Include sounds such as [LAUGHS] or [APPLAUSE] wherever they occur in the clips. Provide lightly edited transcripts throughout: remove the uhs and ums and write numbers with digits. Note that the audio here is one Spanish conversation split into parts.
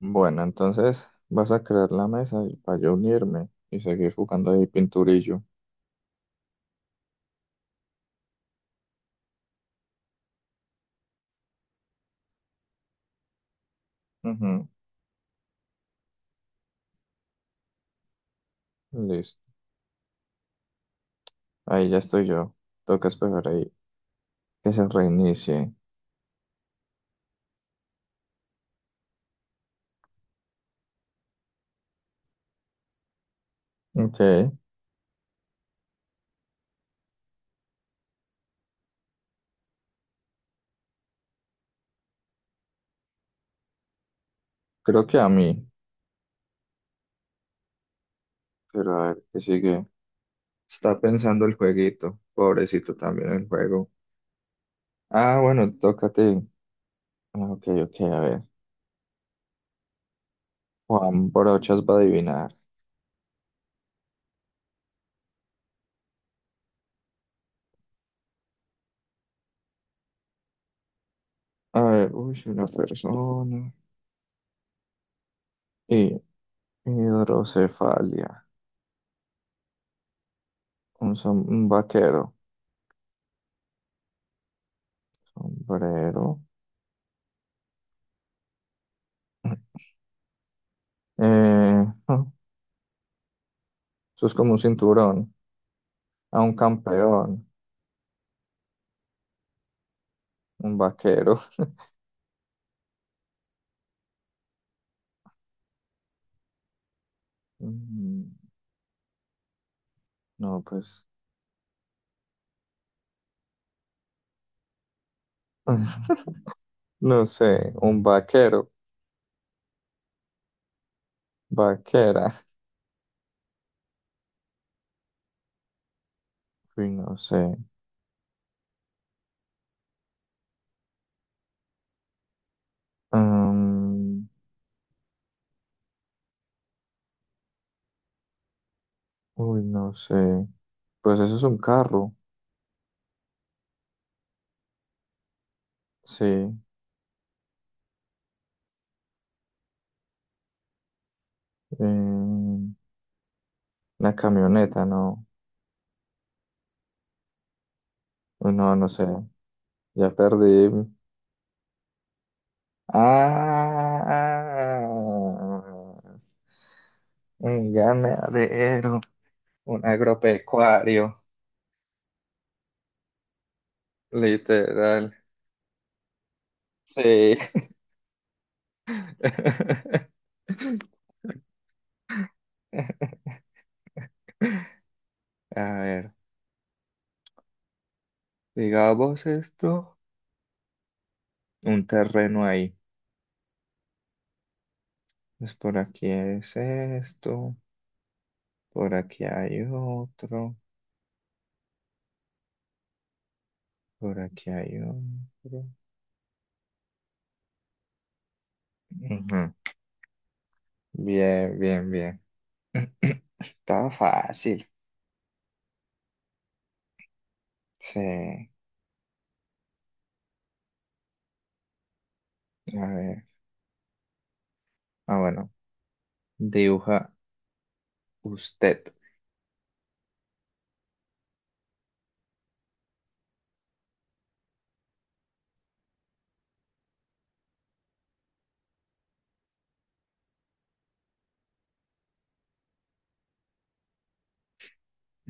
Bueno, entonces vas a crear la mesa y para yo unirme y seguir jugando ahí pinturillo. Ujú. Listo. Ahí ya estoy yo. Toca esperar ahí que se reinicie. Ok, creo que a mí. Pero a ver, ¿qué sigue? Está pensando el jueguito. Pobrecito también el juego. Ah, bueno, toca a ti. Ah, ok, ok, a ver. Juan Brochas va a adivinar. A ver, uy, una persona. Y hidrocefalia. Un, som- un vaquero. Sombrero. Eh, ah, eso es como un cinturón, a un campeón, un vaquero. Mm, No, pues, [LAUGHS] no sé, un vaquero, vaquera. Uy, no sé. Mm, uy, no sé. Pues eso es un carro, sí. Una camioneta, no. Uy, no, no sé. Ya perdí. Ah, un ganadero. Un agropecuario, literal. Sí. [LAUGHS] A ver, digamos esto, un terreno ahí. Pues por aquí es esto, por aquí hay otro, por aquí hay otro. Ujú. Bien, bien, bien. [CLEARS THROAT] Estaba fácil. Sí. A ver. Ah, bueno. Dibuja usted.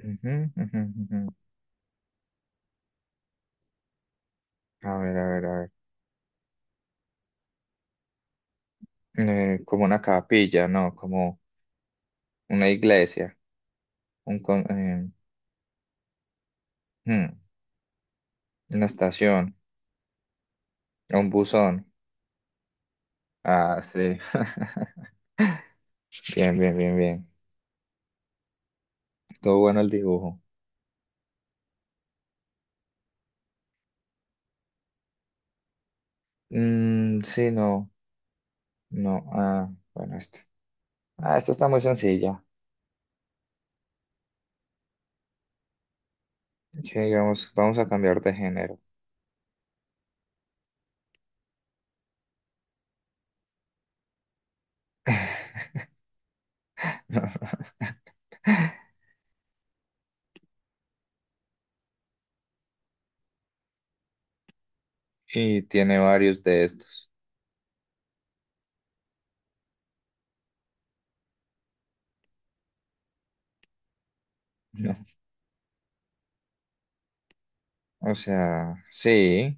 Ujú, ujú, ujú. A ver, a ver, a ver. Como una capilla, no, como una iglesia, un con- eh, hmm, una estación, un buzón. Ah, sí. [LAUGHS] Bien, bien, bien, bien. Todo bueno el dibujo. Mm, sí, no, no. Ah, bueno, esto. Ah, esta está muy sencilla. Que digamos, vamos a cambiar de género. [LAUGHS] Y tiene varios de estos. No. O sea, sí,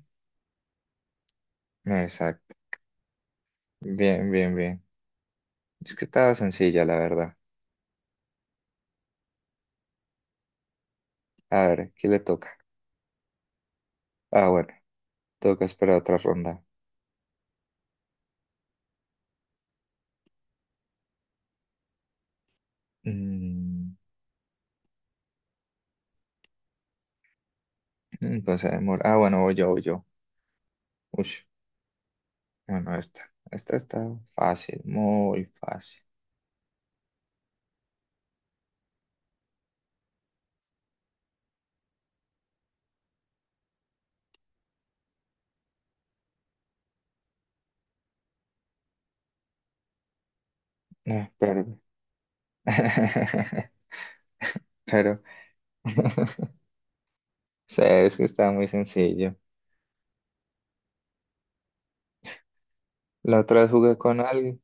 exacto. Bien, bien, bien. Es que estaba sencilla, la verdad. A ver, ¿qué le toca? Ah, bueno, toca esperar otra ronda. Mm, entonces amor. Ah, bueno, voy yo. Ush, bueno, esta. Esta está fácil, muy fácil. Ah, pero. [LAUGHS] Pero. [LAUGHS] O sea, es que está muy sencillo. La otra vez jugué con alguien,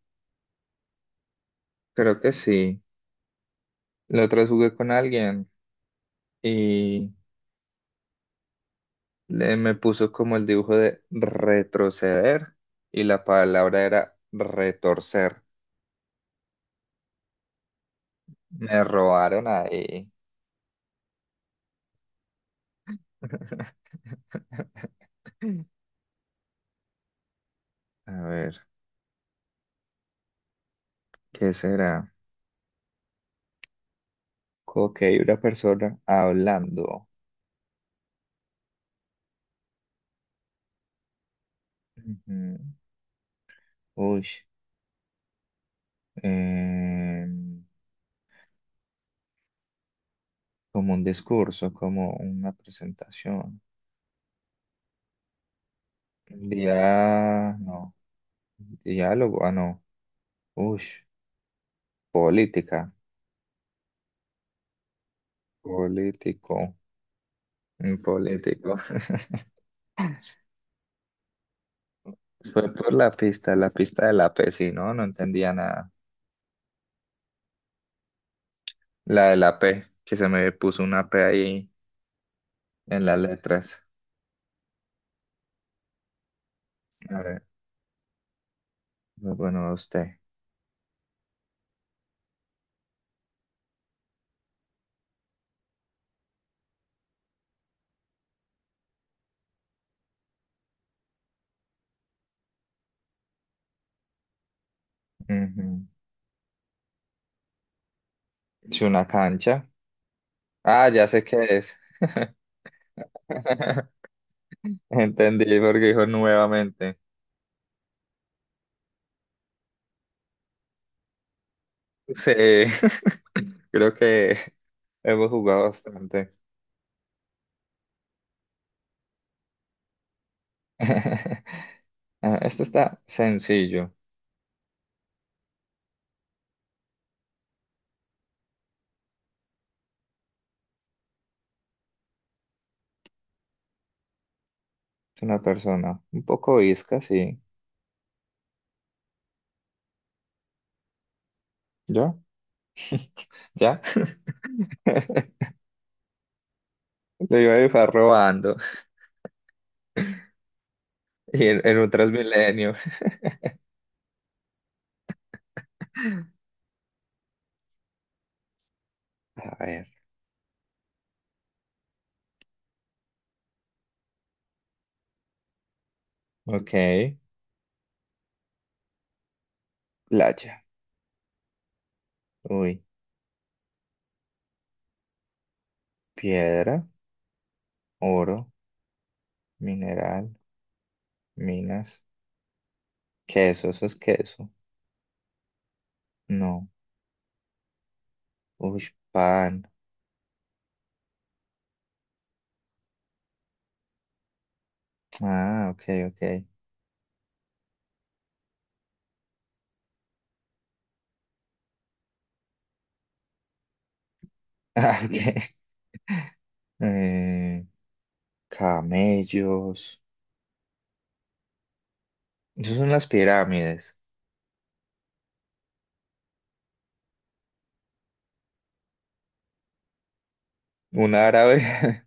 creo que sí. La otra vez jugué con alguien y me puso como el dibujo de retroceder y la palabra era retorcer. Me robaron ahí. [LAUGHS] A ver, ¿qué será? Ok, una persona hablando. Ujú. Uy, em, Como un discurso, como una presentación. Dia, no. Diálogo, ah, no. Uy, política. Político. Un político. [LAUGHS] Fue por la pista de la P, sí, no, no entendía nada. La de la P, que se me puso una P ahí en las letras. A ver, bueno, a usted. Ujú. Sí, una cancha. Ah, ya sé qué es. [LAUGHS] Entendí porque dijo nuevamente. Sí, [LAUGHS] creo que hemos jugado bastante. [LAUGHS] Ah, esto está sencillo. Es una persona un poco isca, sí. ¿Yo? ¿Ya? [LAUGHS] Lo iba a dejar robando. Y en un Transmilenio. A ver. Ok. Playa. Uy. Piedra. Oro. Mineral. Minas. Queso, eso es queso. No. Uy, pan. Ah, ok, ok. [LAUGHS] Ah, ok. Eh, camellos. Esas son las pirámides. Un árabe. [LAUGHS]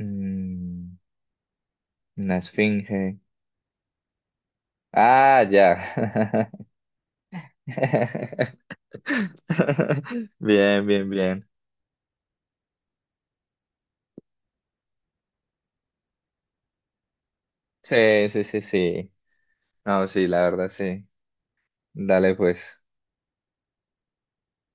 Mm, una esfinge. Ah, ya. [LAUGHS] Bien, bien, bien. Sí, sí, sí, sí. No, sí, la verdad, sí. Dale, pues.